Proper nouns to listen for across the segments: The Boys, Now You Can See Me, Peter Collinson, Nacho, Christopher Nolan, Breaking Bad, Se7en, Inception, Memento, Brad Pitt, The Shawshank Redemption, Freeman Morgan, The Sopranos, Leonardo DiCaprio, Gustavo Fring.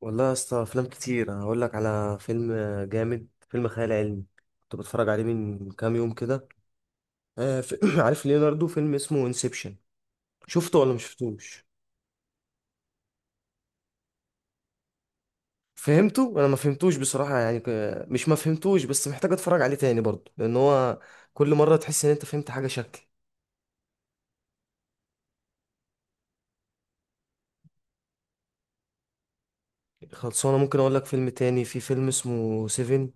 والله يا اسطى، افلام كتير. انا هقول لك على فيلم جامد، فيلم خيال علمي كنت بتفرج عليه من كام يوم كده. عارف ليوناردو؟ فيلم اسمه انسبشن. شفته ولا مش شفتوش؟ فهمته؟ انا ما فهمتوش بصراحة، يعني مش ما فهمتوش، بس محتاج اتفرج عليه تاني برضه، لان هو كل مرة تحس ان انت فهمت حاجة شكل. خلصانة. ممكن اقول لك فيلم تاني؟ في فيلم اسمه سيفن،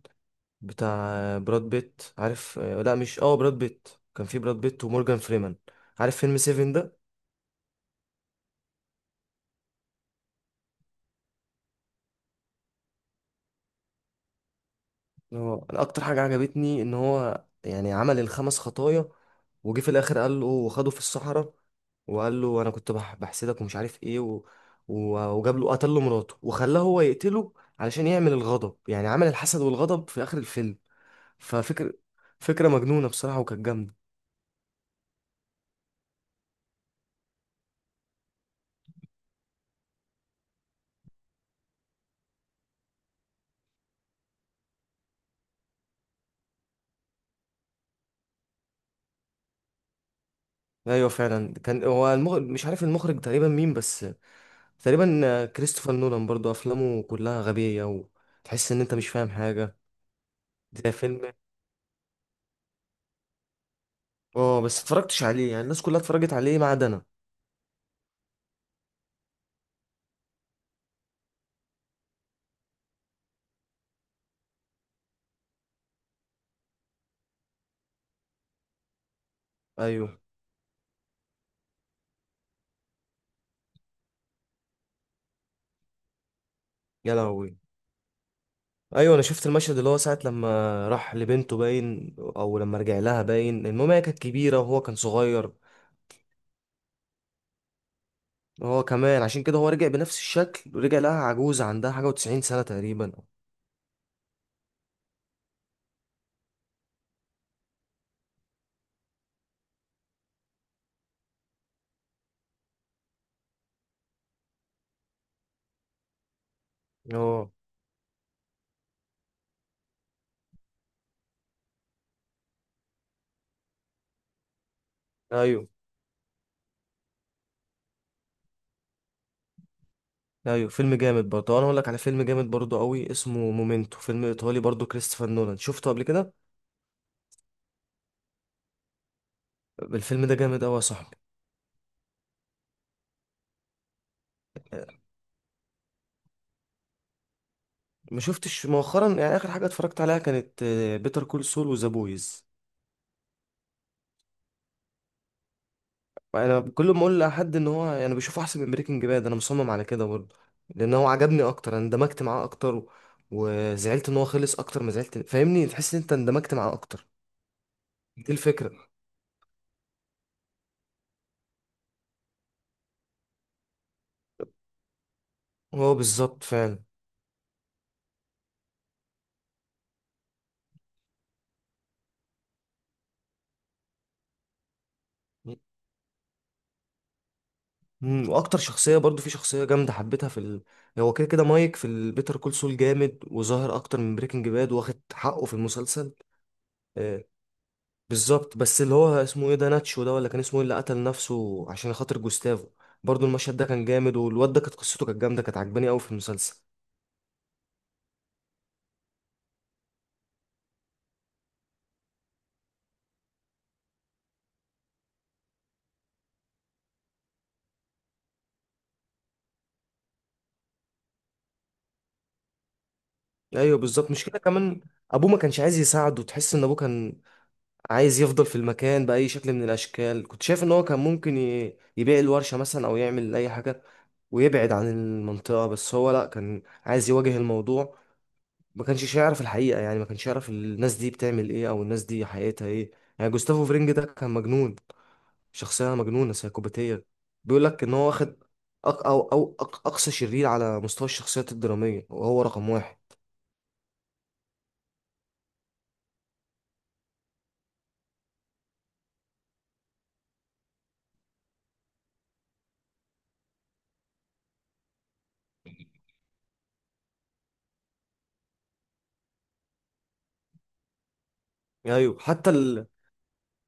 بتاع براد بيت، عارف؟ لا مش براد بيت، كان في براد بيت ومورجان فريمان. عارف فيلم سيفن ده؟ هو أنا اكتر حاجه عجبتني ان هو يعني عمل الخمس خطايا، وجي في الاخر قال له وخده في الصحراء، وقال له انا كنت بحسدك ومش عارف ايه، وجاب له قتل له مراته وخلاه هو يقتله علشان يعمل الغضب. يعني عمل الحسد والغضب في اخر الفيلم. ففكر، فكره مجنونه بصراحه وكانت جامده. ايوه فعلا. كان هو المخرج مش عارف، المخرج تقريبا مين بس، تقريبا كريستوفر نولان. برضو افلامه كلها غبيه وتحس ان انت مش فاهم حاجه. ده فيلم، اه، بس اتفرجتش عليه، يعني الناس كلها اتفرجت عليه ما عدا انا. ايوه، يا لهوي. ايوه انا شفت المشهد اللي هو ساعه لما راح لبنته باين، او لما رجع لها باين، المهم هي كانت كبيره وهو كان صغير. هو كمان عشان كده هو رجع بنفس الشكل ورجع لها عجوزه، عندها حاجه و90 سنه تقريبا. اه. ايوه ايوه، فيلم جامد برضه. انا اقول لك على فيلم جامد برضه قوي اسمه مومنتو، فيلم ايطالي برضه كريستوفر نولان، شفته قبل كده؟ الفيلم ده جامد قوي يا صاحبي. ما شفتش مؤخرا، يعني اخر حاجه اتفرجت عليها كانت بيتر كول سول وذا بويز. انا كل ما اقول لحد ان هو يعني بشوفه احسن من بريكنج باد، انا مصمم على كده برضه، لان هو عجبني اكتر، انا اندمجت معاه اكتر، وزعلت ان هو خلص اكتر ما زعلت، فاهمني؟ تحس ان انت اندمجت معاه اكتر. دي الفكره. هو بالظبط فعلا. واكتر شخصيه برضه، في شخصيه جامده حبيتها في هو كده كده مايك في البيتر كول سول جامد، وظاهر اكتر من بريكنج باد، واخد حقه في المسلسل. آه، بالظبط. بس اللي هو اسمه ايه ده، ناتشو ده، ولا كان اسمه ايه، اللي قتل نفسه عشان خاطر جوستافو؟ برضو المشهد ده كان جامد، والواد ده كانت قصته كانت جامده، كانت عجباني قوي في المسلسل. ايوه بالظبط. مش كده كمان؟ ابوه ما كانش عايز يساعده، تحس ان ابوه كان عايز يفضل في المكان باي شكل من الاشكال. كنت شايف ان هو كان ممكن يبيع الورشه مثلا، او يعمل اي حاجه ويبعد عن المنطقه، بس هو لا، كان عايز يواجه الموضوع. ما كانش يعرف الحقيقه، يعني ما كانش يعرف الناس دي بتعمل ايه، او الناس دي حقيقتها ايه. يعني جوستافو فرينج ده كان مجنون، شخصية مجنونة سايكوباتية. بيقول لك إن هو واخد أق أو أو أق أقصى شرير على مستوى الشخصيات الدرامية، وهو رقم واحد. أيوه، حتى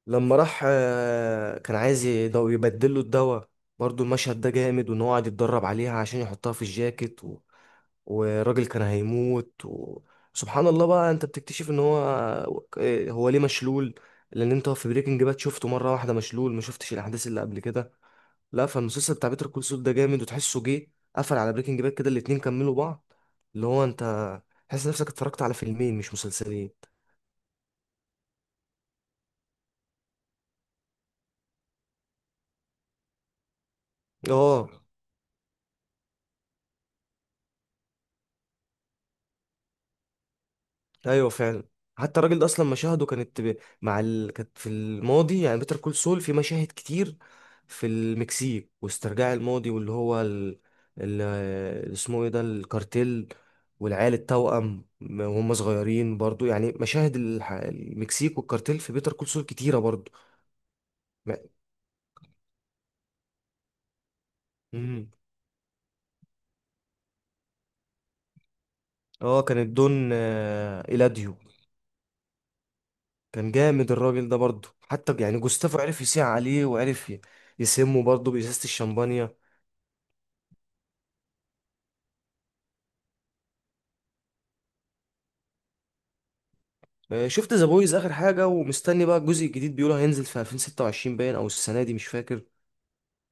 لما راح، كان عايز يبدل له الدواء. برضو المشهد ده جامد، وإن هو قاعد يتدرب عليها عشان يحطها في الجاكيت والراجل كان هيموت سبحان الله بقى أنت بتكتشف إن هو، هو ليه مشلول. لأن أنت في بريكنج باد شفته مرة واحدة مشلول، ما شفتش الأحداث اللي قبل كده، لا. فالمسلسل بتاع بيتر كول سول ده جامد، وتحسه جه قفل على بريكنج باد كده، الاتنين كملوا بعض. اللي هو انت تحس نفسك اتفرجت على فيلمين، مش مسلسلين. اه ايوه فعلا. حتى الراجل ده اصلا مشاهده كانت كانت في الماضي، يعني بيتر كول سول في مشاهد كتير في المكسيك، واسترجاع الماضي، واللي هو ال... اسمه ايه ده، الكارتيل، والعيال التوأم وهم صغيرين برضو. يعني مشاهد المكسيك والكارتيل في بيتر كول سول كتيرة برضو. مم. اه، كان الدون، إيلاديو. كان جامد الراجل ده برضه، حتى يعني جوستافو عرف يسيع عليه، وعرف يسمه برضه بإزازة الشمبانيا. شفت ذا بويز آخر حاجة، ومستني بقى الجزء الجديد، بيقولوا هينزل في 2026 باين، أو السنة دي، مش فاكر.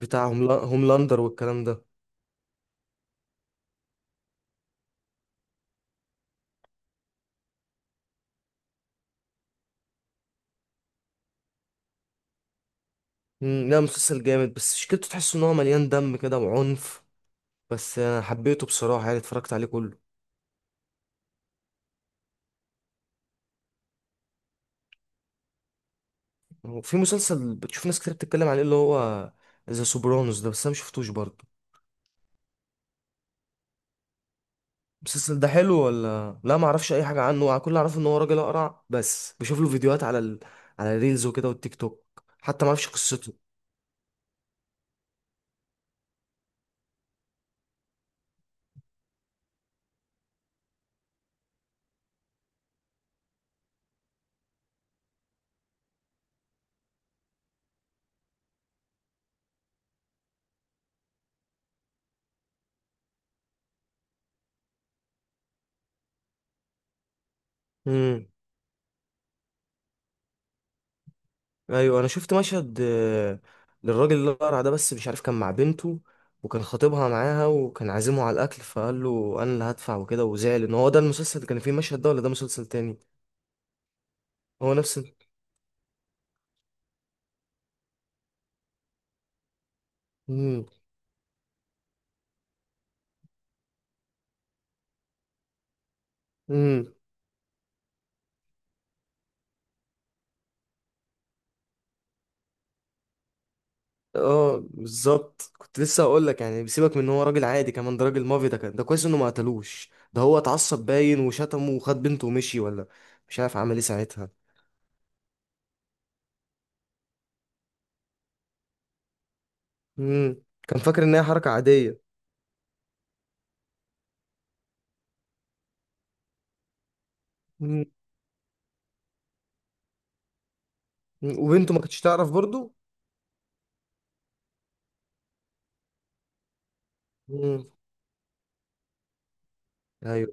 بتاع هوملاندر والكلام ده. لا، مسلسل جامد، بس شكلته تحس إن هو مليان دم كده وعنف. بس أنا حبيته بصراحة، يعني اتفرجت عليه كله. وفي مسلسل بتشوف ناس كتير بتتكلم عليه، اللي هو ذا سوبرانوس ده، بس أنا مشفتوش برضه. المسلسل ده حلو ولا لا؟ ما اعرفش اي حاجه عنه، كل اللي اعرفه ان هو راجل اقرع، بس بشوف له فيديوهات على الريلز وكده، والتيك توك. حتى ما اعرفش قصته. امم ايوه، انا شفت مشهد للراجل اللي اقرع ده، بس مش عارف، كان مع بنته، وكان خطيبها معاها، وكان عازمه على الاكل، فقال له انا اللي هدفع وكده، وزعل ان هو. ده المسلسل اللي كان فيه المشهد ده ولا ده مسلسل تاني؟ هو نفس امم اه بالظبط. كنت لسه هقول لك، يعني بيسيبك من ان هو راجل عادي كمان، ده راجل مافي ده. كان ده كويس انه ما قتلوش ده. هو اتعصب باين وشتمه وخد بنته ومشي، ولا مش عارف عمل ايه ساعتها. امم كان فاكر ان هي حركة عادية. امم وبنته ما كانتش تعرف برضو. امم ايوه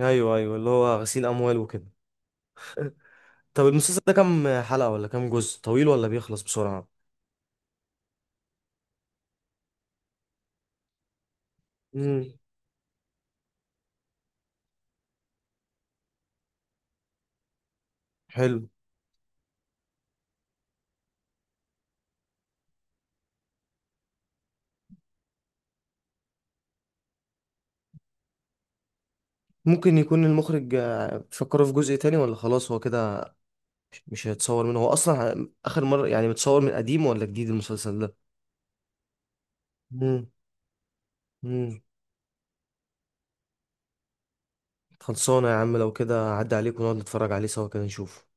ايوه ايوه، اللي هو غسيل اموال وكده. طب المسلسل ده كام حلقة، ولا كام جزء، طويل ولا بيخلص بسرعة؟ امم حلو. ممكن يكون المخرج، فكروا في جزء تاني، ولا خلاص هو كده مش هيتصور منه؟ هو اصلا اخر مره يعني، متصور من قديم ولا جديد المسلسل ده؟ مم. مم. خلصانه يا عم. لو كده عدى عليك، ونقعد نتفرج عليه سوا كده، نشوف.